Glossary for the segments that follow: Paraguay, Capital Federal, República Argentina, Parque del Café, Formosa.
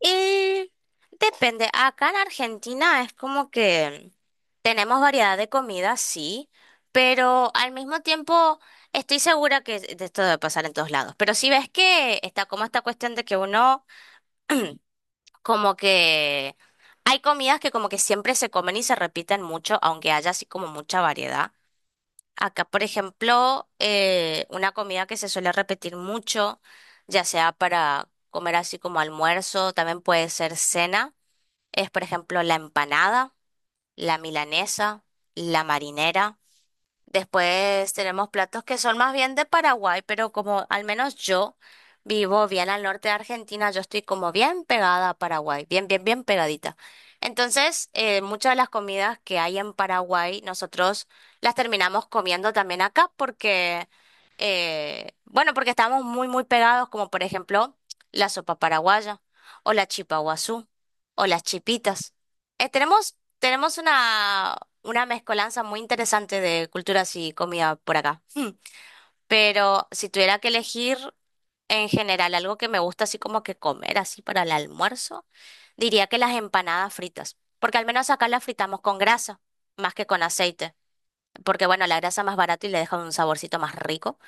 Y depende, acá en Argentina es como que tenemos variedad de comida, sí, pero al mismo tiempo estoy segura que de esto debe pasar en todos lados. Pero si ves que está como esta cuestión de que uno como que hay comidas que como que siempre se comen y se repiten mucho, aunque haya así como mucha variedad. Acá, por ejemplo, una comida que se suele repetir mucho, ya sea para comer así como almuerzo, también puede ser cena es, por ejemplo, la empanada, la milanesa, la marinera. Después tenemos platos que son más bien de Paraguay, pero como al menos yo vivo bien al norte de Argentina, yo estoy como bien pegada a Paraguay, bien, bien, bien pegadita. Entonces, muchas de las comidas que hay en Paraguay, nosotros las terminamos comiendo también acá porque, bueno, porque estamos muy, muy pegados, como por ejemplo la sopa paraguaya o la chipa guazú o las chipitas. Eh, tenemos tenemos una mezcolanza muy interesante de culturas y comida por acá. Hmm. Pero si tuviera que elegir en general algo que me gusta así como que comer así para el almuerzo, diría que las empanadas fritas, porque al menos acá las fritamos con grasa más que con aceite, porque bueno, la grasa es más barata y le deja un saborcito más rico.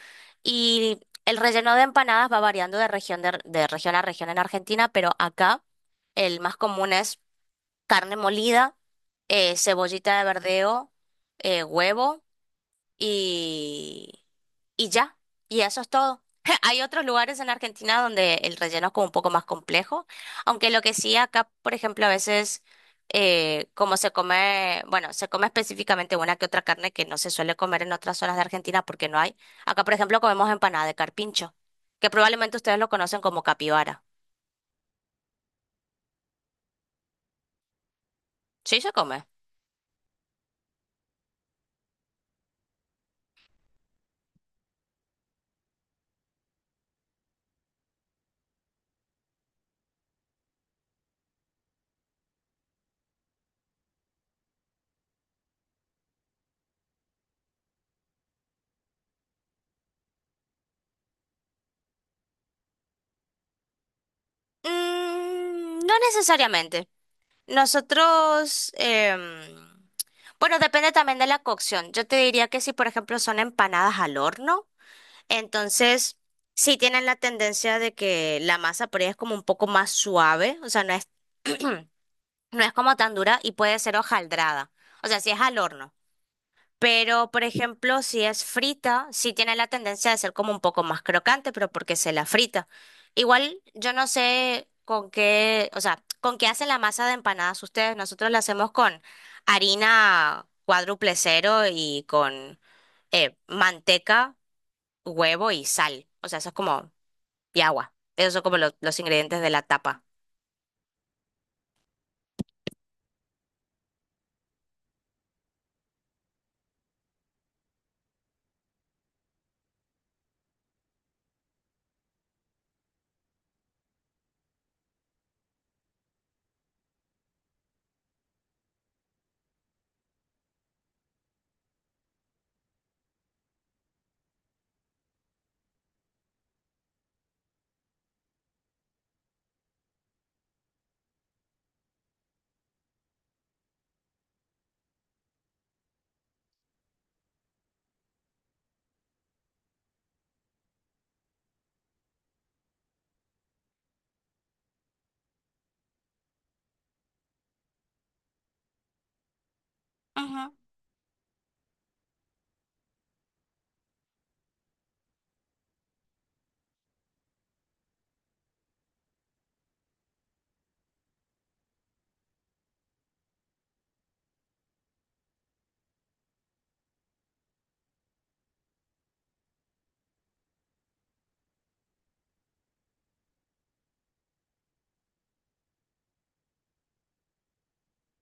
Y el relleno de empanadas va variando de región, de región a región en Argentina, pero acá el más común es carne molida, cebollita de verdeo, huevo y, y ya. Y eso es todo. Hay otros lugares en la Argentina donde el relleno es como un poco más complejo, aunque lo que sí acá, por ejemplo, a veces como se come, bueno, se come específicamente una que otra carne que no se suele comer en otras zonas de Argentina porque no hay. Acá, por ejemplo, comemos empanada de carpincho, que probablemente ustedes lo conocen como capibara. Sí se come. Mm, no necesariamente. Nosotros, bueno, depende también de la cocción. Yo te diría que si, por ejemplo, son empanadas al horno, entonces sí tienen la tendencia de que la masa por ahí es como un poco más suave, o sea, no es, no es como tan dura y puede ser hojaldrada. O sea, si es al horno. Pero, por ejemplo, si es frita, sí tiene la tendencia de ser como un poco más crocante, pero porque se la frita. Igual, yo no sé con qué, o sea, con qué hacen la masa de empanadas ustedes. Nosotros la hacemos con harina cuádruple cero y con manteca, huevo y sal. O sea, eso es como, y agua. Esos son como los ingredientes de la tapa.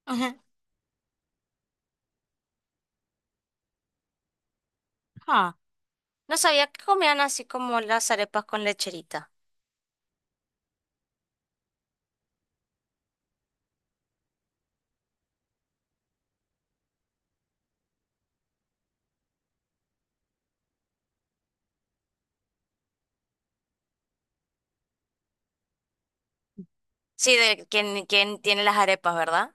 Ujú, ujú. Ah, no sabía que comían así como las arepas con lecherita. Sí, de quien tiene las arepas, ¿verdad?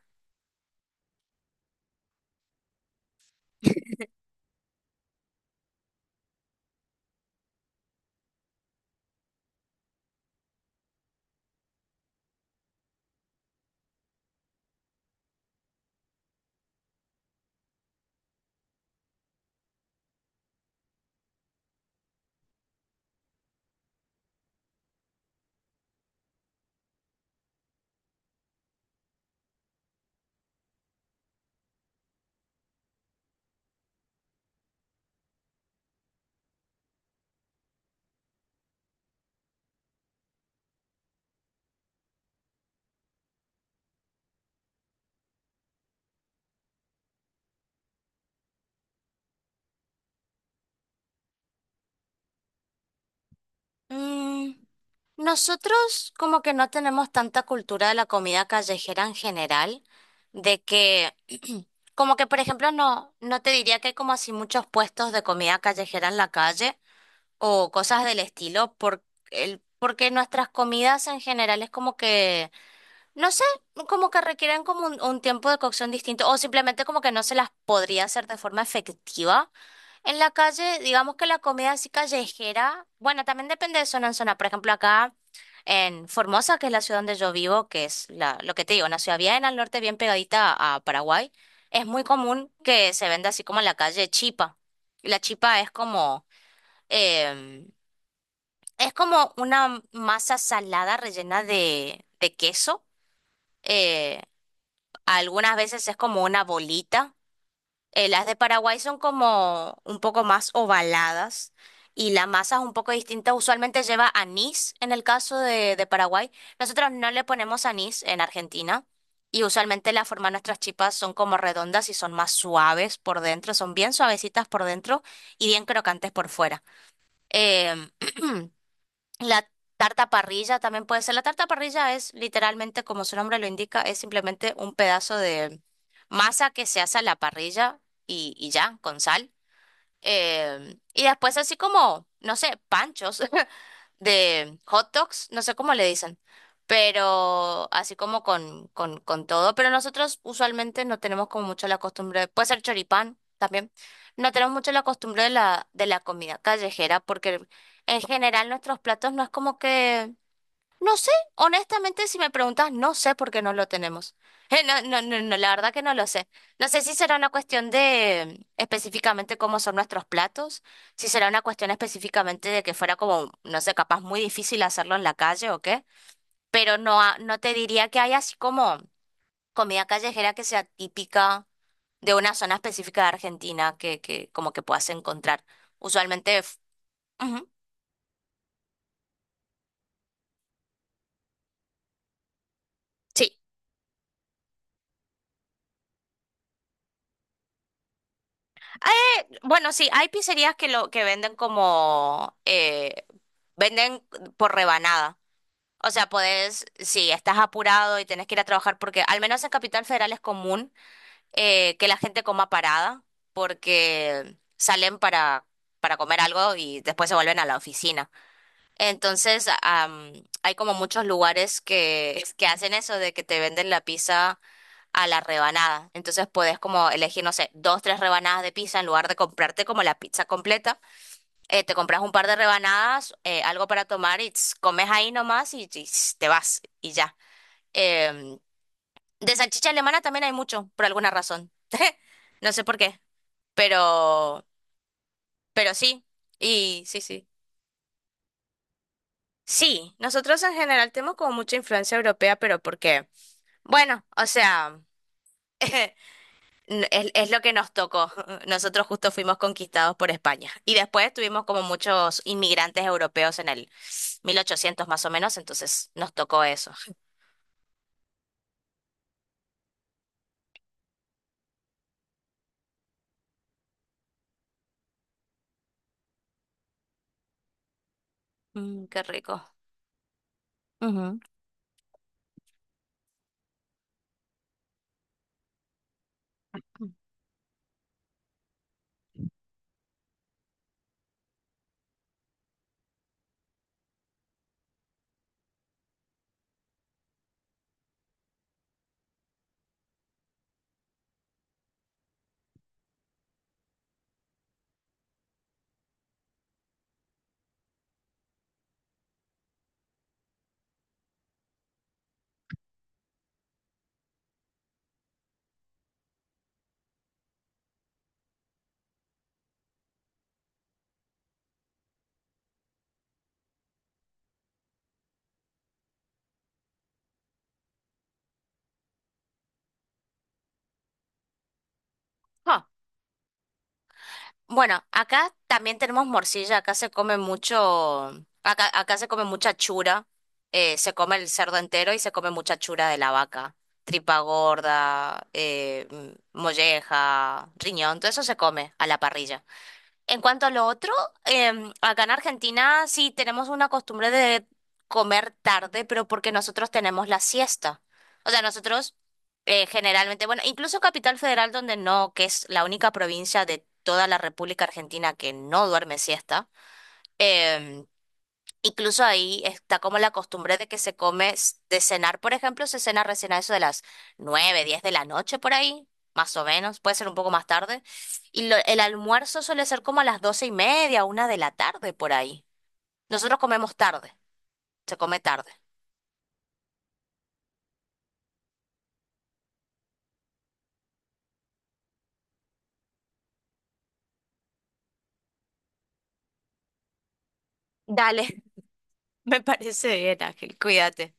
Mm, Nosotros como que no tenemos tanta cultura de la comida callejera en general, de que como que por ejemplo no te diría que hay como así muchos puestos de comida callejera en la calle o cosas del estilo, porque nuestras comidas en general es como que no sé, como que requieren como un tiempo de cocción distinto o simplemente como que no se las podría hacer de forma efectiva. En la calle, digamos que la comida así callejera, bueno, también depende de zona en zona. Por ejemplo, acá en Formosa, que es la ciudad donde yo vivo, que es la, lo que te digo, una ciudad bien al norte, bien pegadita a Paraguay, es muy común que se venda así como en la calle chipa. La chipa es como, em, es como una masa salada rellena de queso. Eh, Algunas veces es como una bolita. Las de Paraguay son como un poco más ovaladas y la masa es un poco distinta. Usualmente lleva anís en el caso de Paraguay. Nosotros no le ponemos anís en Argentina y usualmente la forma de nuestras chipas son como redondas y son más suaves por dentro. Son bien suavecitas por dentro y bien crocantes por fuera. Eh, La tarta parrilla también puede ser. La tarta parrilla es literalmente, como su nombre lo indica, es simplemente un pedazo de masa que se hace a la parrilla y ya, con sal. Y después así como, no sé, panchos, de hot dogs, no sé cómo le dicen, pero así como con todo. Pero nosotros usualmente no tenemos como mucho la costumbre, puede ser choripán también, no tenemos mucho la costumbre de la comida callejera, porque en general nuestros platos no es como que no sé, honestamente, si me preguntas, no sé por qué no lo tenemos. No, no, no, no, la verdad que no lo sé. No sé si será una cuestión de específicamente cómo son nuestros platos, si será una cuestión específicamente de que fuera como, no sé, capaz muy difícil hacerlo en la calle o qué, pero no, no te diría que hay así como comida callejera que sea típica de una zona específica de Argentina que como que puedas encontrar. Usualmente, ujú, sí. Bueno, sí, hay pizzerías que lo que venden como venden por rebanada. O sea, podés, si estás apurado y tenés que ir a trabajar, porque al menos en Capital Federal es común que la gente coma parada, porque salen para comer algo y después se vuelven a la oficina. Entonces, hay como muchos lugares que hacen eso de que te venden la pizza a la rebanada. Entonces puedes como elegir, no sé, dos, tres rebanadas de pizza en lugar de comprarte como la pizza completa. Te compras un par de rebanadas, algo para tomar y tss, comes ahí nomás y tss, te vas y ya. Em, de salchicha alemana también hay mucho, por alguna razón. No sé por qué, pero, pero sí. Y sí, sí. Sí, nosotros en general tenemos como mucha influencia europea, pero porque, bueno, o sea, es lo que nos tocó. Nosotros justo fuimos conquistados por España y después tuvimos como muchos inmigrantes europeos en el 1800 más o menos, entonces nos tocó eso. Mm, qué rico. Ujú. Ah, bueno, acá también tenemos morcilla, acá se come mucho, acá se come mucha chura, se come el cerdo entero y se come mucha chura de la vaca, tripa gorda, molleja, riñón, todo eso se come a la parrilla. En cuanto a lo otro, acá en Argentina sí tenemos una costumbre de comer tarde, pero porque nosotros tenemos la siesta. O sea, nosotros generalmente, bueno, incluso Capital Federal, donde no, que es la única provincia de toda la República Argentina que no duerme siesta, em, Incluso ahí está como la costumbre de que se come de cenar, por ejemplo, se cena recién a eso de las 9 10 de la noche por ahí, más o menos, puede ser un poco más tarde. Y el almuerzo suele ser como a las 12:30, 1 de la tarde por ahí. Nosotros comemos tarde, se come tarde. Dale, me parece bien, Ángel, cuídate.